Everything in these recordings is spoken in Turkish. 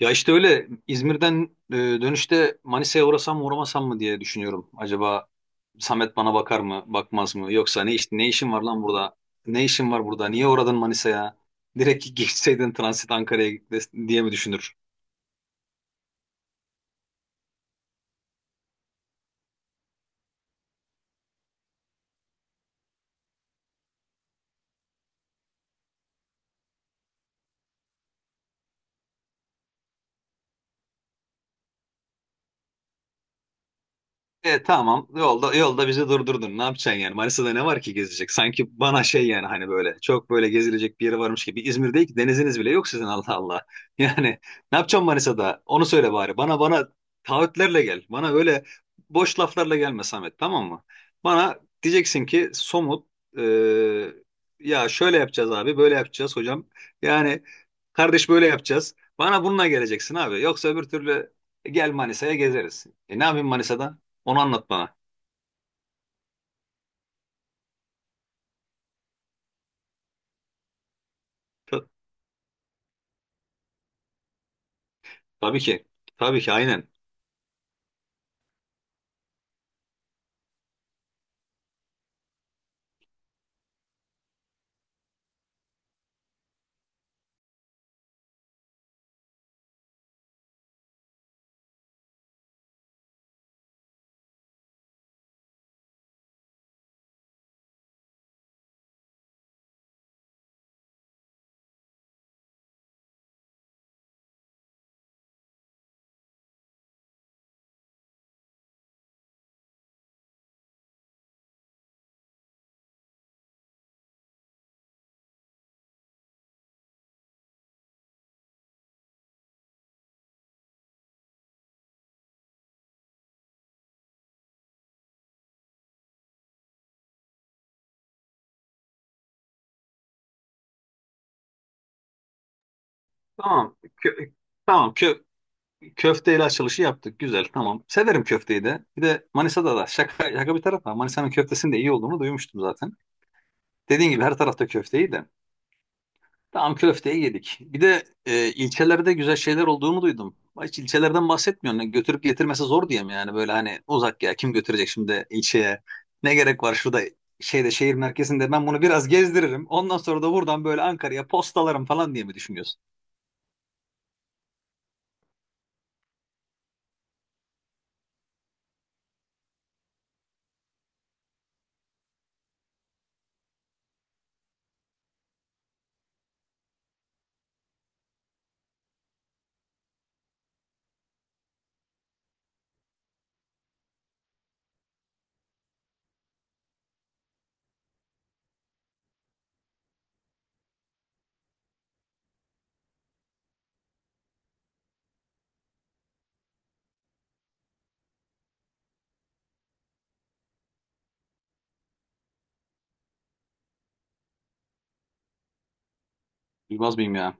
Ya işte öyle İzmir'den dönüşte Manisa'ya uğrasam mı uğramasam mı diye düşünüyorum. Acaba Samet bana bakar mı, bakmaz mı? Yoksa ne işin var lan burada? Ne işin var burada? Niye uğradın Manisa'ya? Direkt geçseydin transit Ankara'ya diye mi düşünür? E tamam yolda bizi durdurdun, ne yapacaksın yani? Manisa'da ne var ki gezecek sanki? Bana şey yani, hani böyle çok böyle gezilecek bir yere varmış gibi. İzmir değil ki, deniziniz bile yok sizin. Allah Allah yani ne yapacaksın Manisa'da, onu söyle bari. Bana taahhütlerle gel, bana öyle boş laflarla gelme Samet, tamam mı? Bana diyeceksin ki somut, e, ya şöyle yapacağız abi, böyle yapacağız hocam, yani kardeş böyle yapacağız. Bana bununla geleceksin abi, yoksa öbür türlü gel Manisa'ya, gezeriz. Ne yapayım Manisa'da, onu anlat bana. Ta- tabii ki. Tabii ki, aynen. Tamam. Kö- tamam. Köfteyle açılışı yaptık. Güzel. Tamam. Severim köfteyi de. Bir de Manisa'da da şaka, şaka bir tarafa, Manisa'nın köftesinin de iyi olduğunu duymuştum zaten. Dediğin gibi her tarafta köfte iyi de. Tamam, köfteyi yedik. Bir de ilçelerde güzel şeyler olduğunu duydum. Hiç ilçelerden bahsetmiyorsun. Yani götürüp getirmesi zor diyeyim yani, böyle hani uzak ya, kim götürecek şimdi ilçeye? Ne gerek var şurada şeyde, şehir merkezinde ben bunu biraz gezdiririm, ondan sonra da buradan böyle Ankara'ya postalarım falan diye mi düşünüyorsun? Bilmez miyim ya?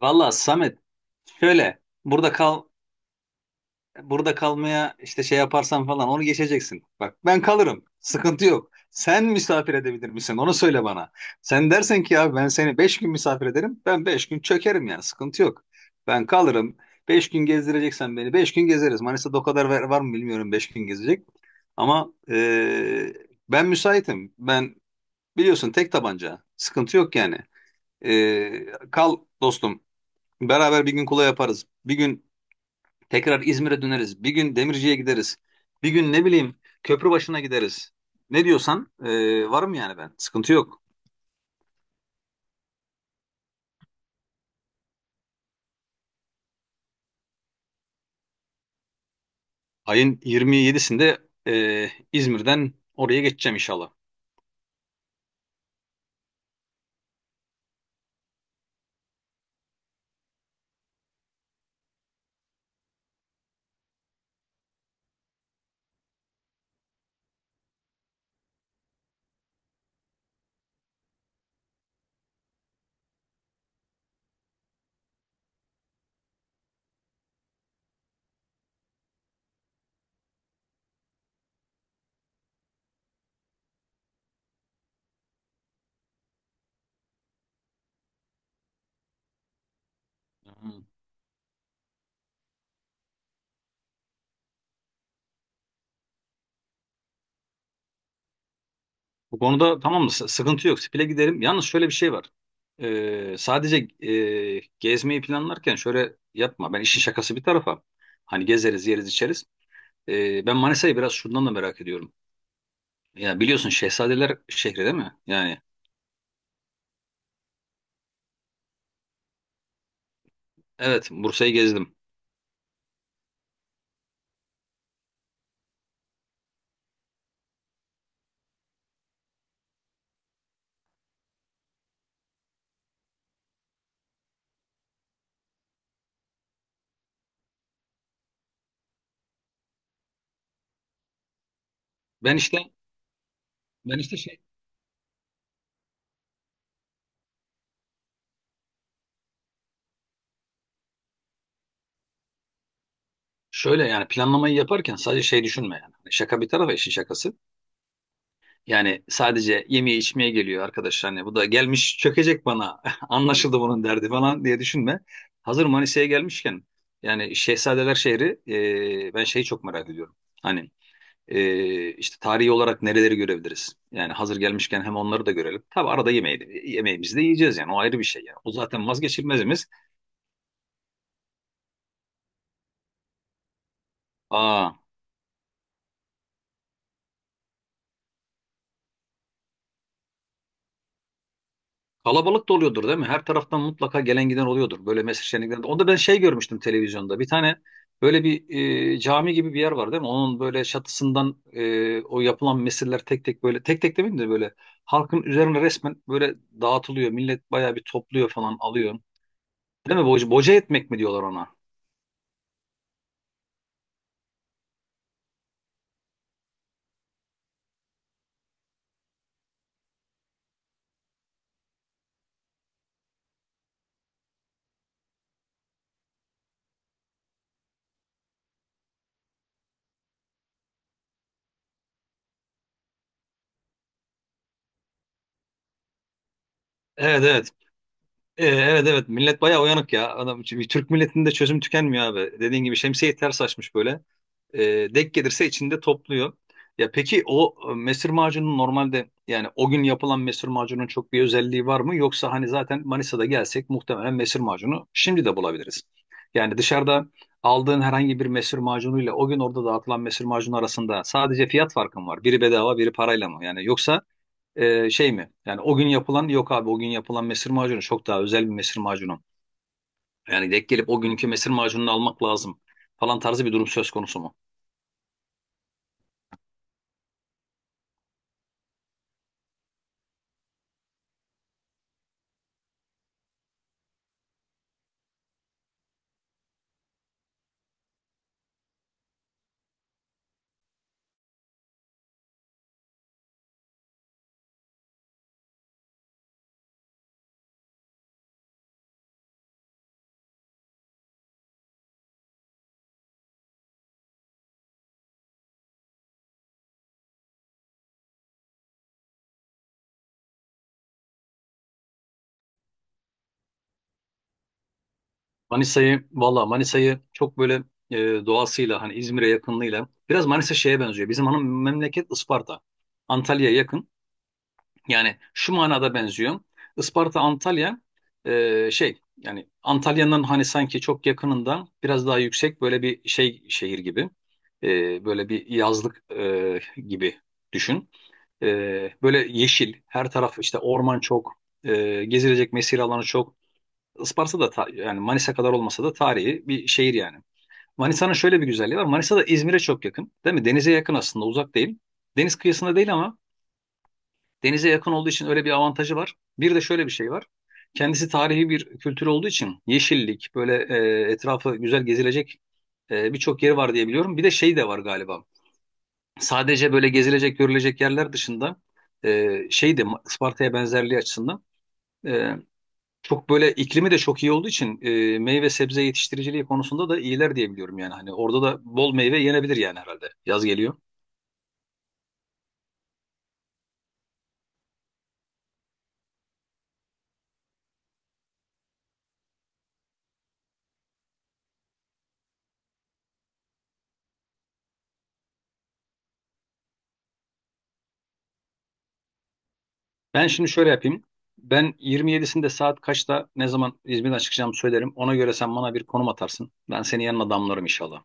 Valla Samet, şöyle burada kal. Burada kalmaya işte şey yaparsan falan, onu geçeceksin. Bak ben kalırım, sıkıntı yok. Sen misafir edebilir misin? Onu söyle bana. Sen dersen ki abi ben seni 5 gün misafir ederim, ben 5 gün çökerim yani. Sıkıntı yok. Ben kalırım. Beş gün gezdireceksen beni, 5 gün gezeriz. Manisa'da o kadar var, var mı bilmiyorum beş gün gezecek. Ama ben müsaitim. Ben biliyorsun, tek tabanca. Sıkıntı yok yani. Kal dostum. Beraber bir gün Kula yaparız. Bir gün tekrar İzmir'e döneriz. Bir gün Demirci'ye gideriz. Bir gün ne bileyim, Köprübaşı'na gideriz. Ne diyorsan varım yani ben. Sıkıntı yok. Ayın 27'sinde İzmir'den oraya geçeceğim inşallah. Hı. Bu konuda tamam mı? Sıkıntı yok. Spil'e giderim. Yalnız şöyle bir şey var. Sadece gezmeyi planlarken şöyle yapma. Ben işin şakası bir tarafa. Hani gezeriz, yeriz, içeriz. Ben Manisa'yı biraz şundan da merak ediyorum. Ya biliyorsun, Şehzadeler şehri değil mi? Yani evet, Bursa'yı gezdim. Ben işte ben işte şöyle yani, planlamayı yaparken sadece şey düşünme yani. Hani şaka bir tarafa işin şakası. Yani sadece yemeye içmeye geliyor arkadaş, hani bu da gelmiş çökecek bana anlaşıldı bunun derdi falan diye düşünme. Hazır Manisa'ya gelmişken yani Şehzadeler şehri, ben şeyi çok merak ediyorum. Hani işte tarihi olarak nereleri görebiliriz? Yani hazır gelmişken hem onları da görelim. Tabi arada yemeği de, yemeğimizi de yiyeceğiz yani, o ayrı bir şey yani. O zaten vazgeçilmezimiz. Aa, kalabalık da oluyordur değil mi? Her taraftan mutlaka gelen giden oluyordur böyle mesir şenliklerinde. Onda ben şey görmüştüm televizyonda. Bir tane böyle bir cami gibi bir yer var değil mi? Onun böyle çatısından o yapılan mesirler tek tek, böyle tek tek demeyeyim de, böyle halkın üzerine resmen böyle dağıtılıyor. Millet bayağı bir topluyor falan, alıyor. Değil mi? Boca, boca etmek mi diyorlar ona? Evet evet. Evet evet. Millet bayağı uyanık ya. Adam, Türk milletinde çözüm tükenmiyor abi. Dediğin gibi şemsiyeyi ters açmış böyle. Denk gelirse içinde topluyor. Ya peki o mesir macunu normalde, yani o gün yapılan mesir macunun çok bir özelliği var mı? Yoksa hani zaten Manisa'da gelsek muhtemelen mesir macunu şimdi de bulabiliriz. Yani dışarıda aldığın herhangi bir mesir macunuyla o gün orada dağıtılan mesir macunu arasında sadece fiyat farkı mı var? Biri bedava, biri parayla mı? Yani yoksa şey mi? Yani o gün yapılan, yok abi o gün yapılan mesir macunu çok daha özel bir mesir macunu. Yani denk gelip o günkü mesir macununu almak lazım falan tarzı bir durum söz konusu mu? Manisa'yı valla, Manisa'yı çok böyle doğasıyla hani İzmir'e yakınlığıyla biraz Manisa şeye benziyor. Bizim hanım memleket Isparta. Antalya'ya yakın. Yani şu manada benziyor. Isparta Antalya, şey yani Antalya'nın hani sanki çok yakınından biraz daha yüksek böyle bir şey, şehir gibi. Böyle bir yazlık gibi düşün. E, Böyle yeşil her taraf, işte orman çok, gezilecek mesire alanı çok. Isparta da yani Manisa kadar olmasa da tarihi bir şehir yani. Manisa'nın şöyle bir güzelliği var. Manisa da İzmir'e çok yakın, değil mi? Denize yakın aslında, uzak değil. Deniz kıyısında değil ama denize yakın olduğu için öyle bir avantajı var. Bir de şöyle bir şey var. Kendisi tarihi bir kültür olduğu için yeşillik, böyle etrafı güzel gezilecek birçok yeri var diye biliyorum. Bir de şey de var galiba. Sadece böyle gezilecek, görülecek yerler dışında şey de, Isparta'ya benzerliği açısından. e, Çok böyle iklimi de çok iyi olduğu için meyve sebze yetiştiriciliği konusunda da iyiler diye biliyorum yani. Hani orada da bol meyve yenebilir yani herhalde. Yaz geliyor. Ben şimdi şöyle yapayım. Ben 27'sinde saat kaçta, ne zaman İzmir'den çıkacağımı söylerim. Ona göre sen bana bir konum atarsın. Ben seni yanına damlarım inşallah.